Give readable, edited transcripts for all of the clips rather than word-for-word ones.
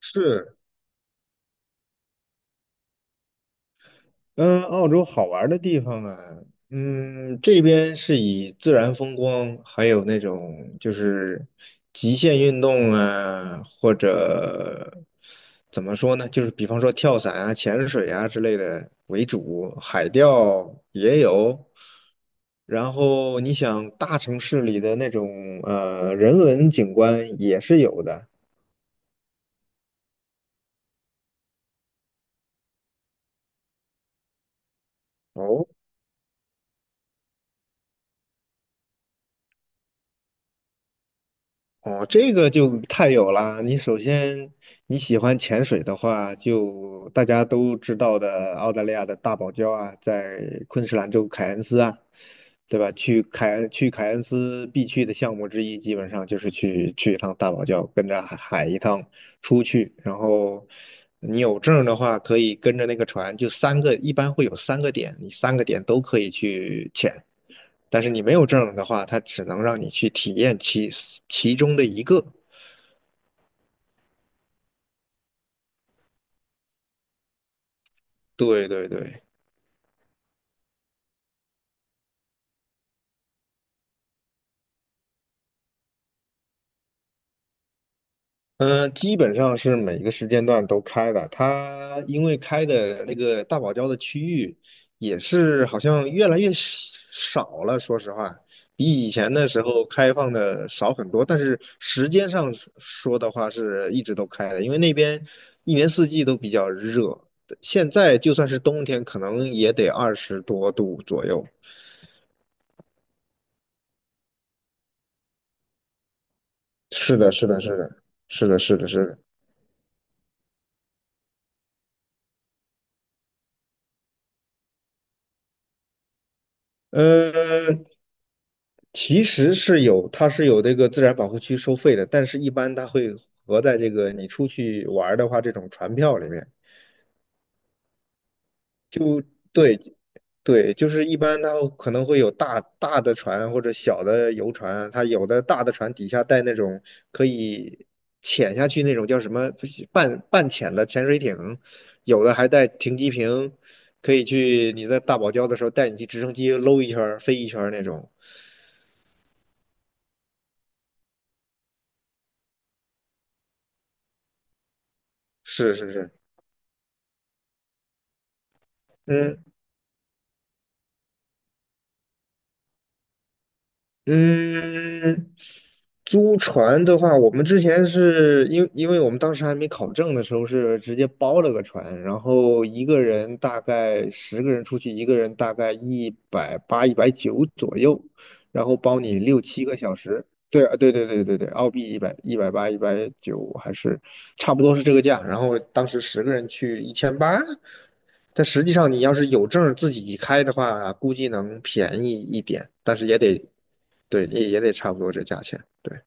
是，嗯，澳洲好玩儿的地方啊，这边是以自然风光，还有那种就是极限运动啊，或者怎么说呢，就是比方说跳伞啊、潜水啊之类的为主，海钓也有。然后你想大城市里的那种人文景观也是有的。哦。哦，这个就太有啦！你首先你喜欢潜水的话，就大家都知道的澳大利亚的大堡礁啊，在昆士兰州凯恩斯啊，对吧？去凯恩斯必去的项目之一，基本上就是去一趟大堡礁，跟着海一趟出去。然后你有证儿的话，可以跟着那个船，就三个，一般会有三个点，你三个点都可以去潜。但是你没有证的话，它只能让你去体验其中的一个。对对对，嗯、基本上是每个时间段都开的。它因为开的那个大堡礁的区域也是好像越来越少了，说实话，比以前的时候开放的少很多。但是时间上说的话，是一直都开的，因为那边一年四季都比较热。现在就算是冬天，可能也得20多度左右。是的，是的，是的，是的，是的，是的。呃，其实是有，它是有这个自然保护区收费的，但是一般它会合在这个你出去玩儿的话，这种船票里面。对对，就是一般它可能会有大大的船或者小的游船，它有的大的船底下带那种可以潜下去那种叫什么不是半潜的潜水艇，有的还带停机坪，可以去你在大堡礁的时候带你去直升机搂一圈儿飞一圈儿那种。是是是，嗯，嗯，租船的话，我们之前是因为我们当时还没考证的时候，是直接包了个船，然后一个人大概十个人出去，一个人大概一百八、一百九左右，然后包你6、7个小时。对啊，对对对对对，澳币一百八、一百九还是差不多是这个价。然后当时十个人去1800，但实际上你要是有证儿自己开的话，估计能便宜一点，但是也得对，也得差不多这价钱。对，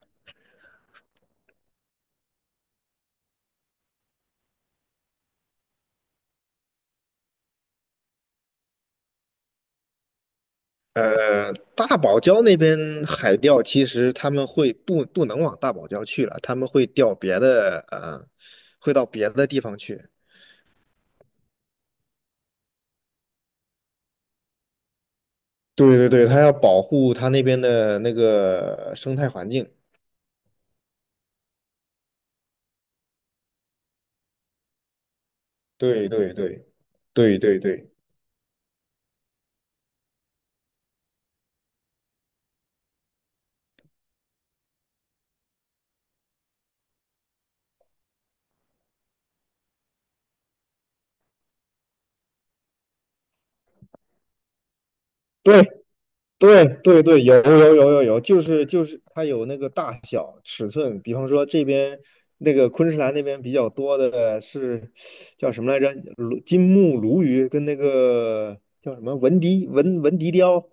大堡礁那边海钓，其实他们会不能往大堡礁去了，他们会钓别的，会到别的地方去。对对对，他要保护他那边的那个生态环境。对对对对对对。对，对对对，有有有有有，就是它有那个大小尺寸，比方说这边那个昆士兰那边比较多的是叫什么来着？金目鲈鱼跟那个叫什么文迪雕。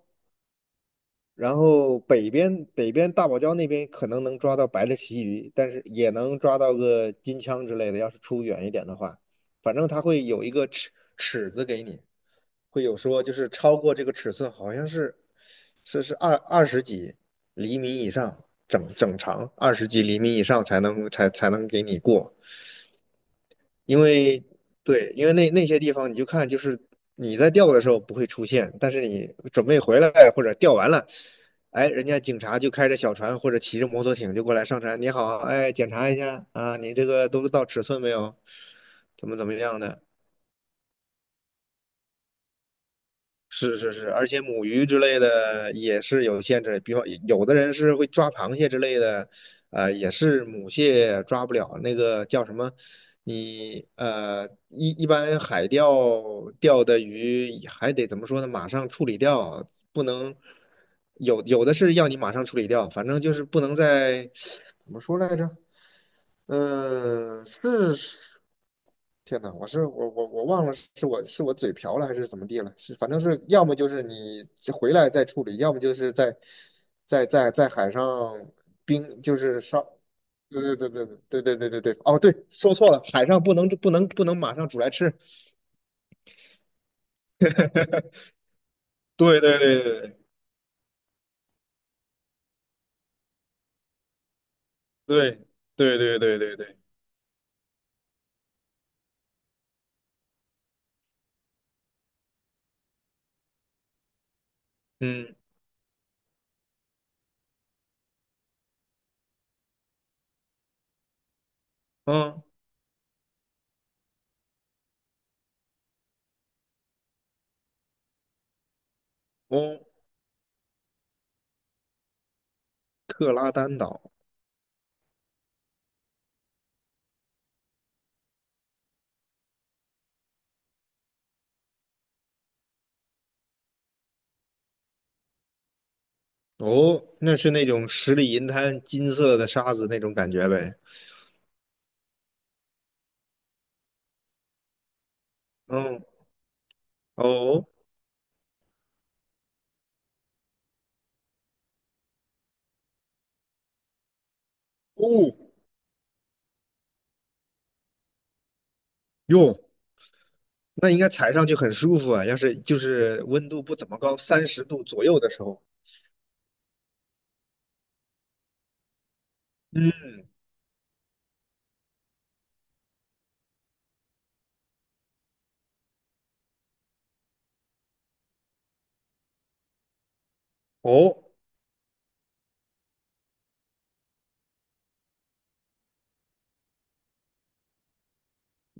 然后北边大堡礁那边可能能抓到白的旗鱼，但是也能抓到个金枪之类的。要是出远一点的话，反正它会有一个尺子给你，会有说就是超过这个尺寸，好像是是二十几厘米以上，整整长二十几厘米以上才能给你过。因为对，因为那些地方你就看，就是你在钓的时候不会出现，但是你准备回来或者钓完了，哎，人家警察就开着小船或者骑着摩托艇就过来上船，你好，哎，检查一下啊，你这个都到尺寸没有，怎么样的，是是是，而且母鱼之类的也是有限制，比方有的人是会抓螃蟹之类的，也是母蟹抓不了，那个叫什么？你一般海钓钓的鱼还得怎么说呢？马上处理掉，不能有的是要你马上处理掉，反正就是不能在怎么说来着？是天呐，我忘了是我嘴瓢了还是怎么地了，是反正是要么就是你回来再处理，要么就是在海上冰就是烧，对对对对对对对对对对，哦对，说错了，海上不能马上煮来吃，对对对对对对对对对对，嗯嗯哦，特拉丹岛哦，那是那种十里银滩金色的沙子那种感觉呗，嗯哦哦哦哟。那应该踩上去很舒服啊。要是就是温度不怎么高，30度左右的时候，嗯，哦，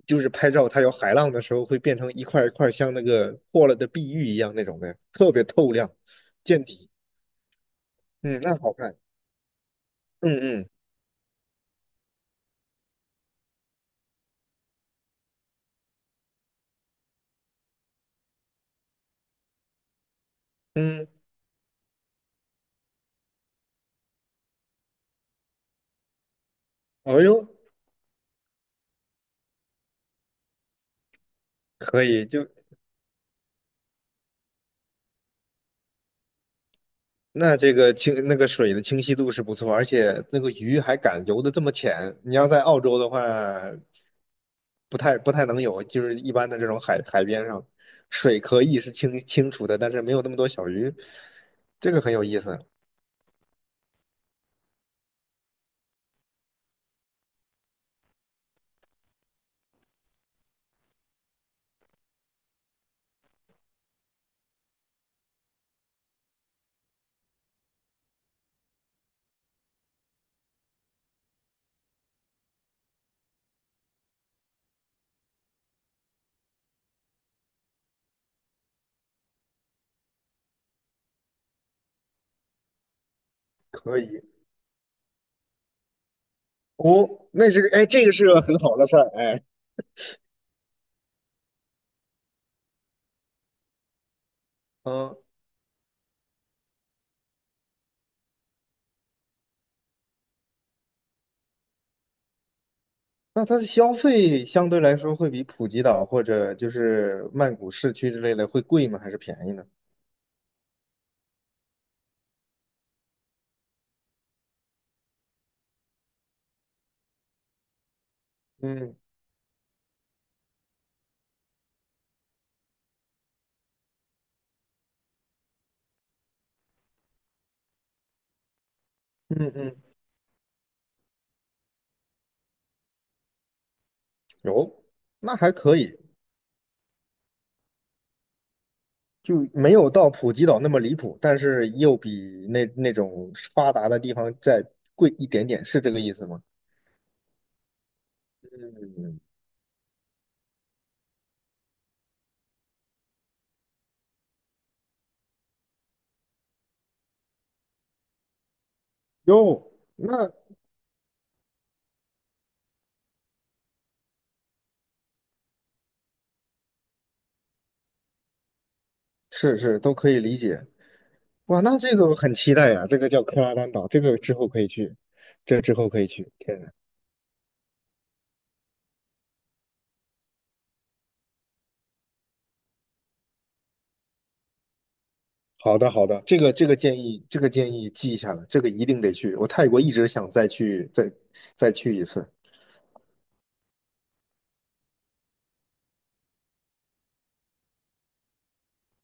就是拍照它有海浪的时候，会变成一块一块像那个破了的碧玉一样那种的，特别透亮，见底。嗯，那好看。嗯嗯嗯，哎呦，可以，就那个水的清晰度是不错，而且那个鱼还敢游得这么浅。你要在澳洲的话，不太能有，就是一般的这种海边上，水可以是清清楚的，但是没有那么多小鱼，这个很有意思。可以哦，那是个哎，这个是个很好的事儿哎。嗯，那它的消费相对来说会比普吉岛或者就是曼谷市区之类的会贵吗？还是便宜呢？嗯嗯嗯，有，那还可以。就没有到普吉岛那么离谱，但是又比那种发达的地方再贵一点点，是这个意思吗？嗯，哟，那是都可以理解。哇，那这个我很期待呀、这个叫克拉丹岛，这个之后可以去，这之后可以去。天呐，好的好的，这个这个建议这个建议记下了，这个一定得去。我泰国一直想再去一次。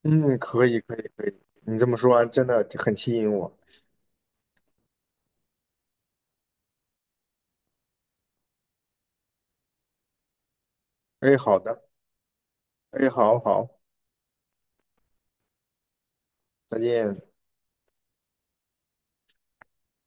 嗯，可以可以可以，你这么说完真的很吸引我。哎，好的，哎，好好。再见。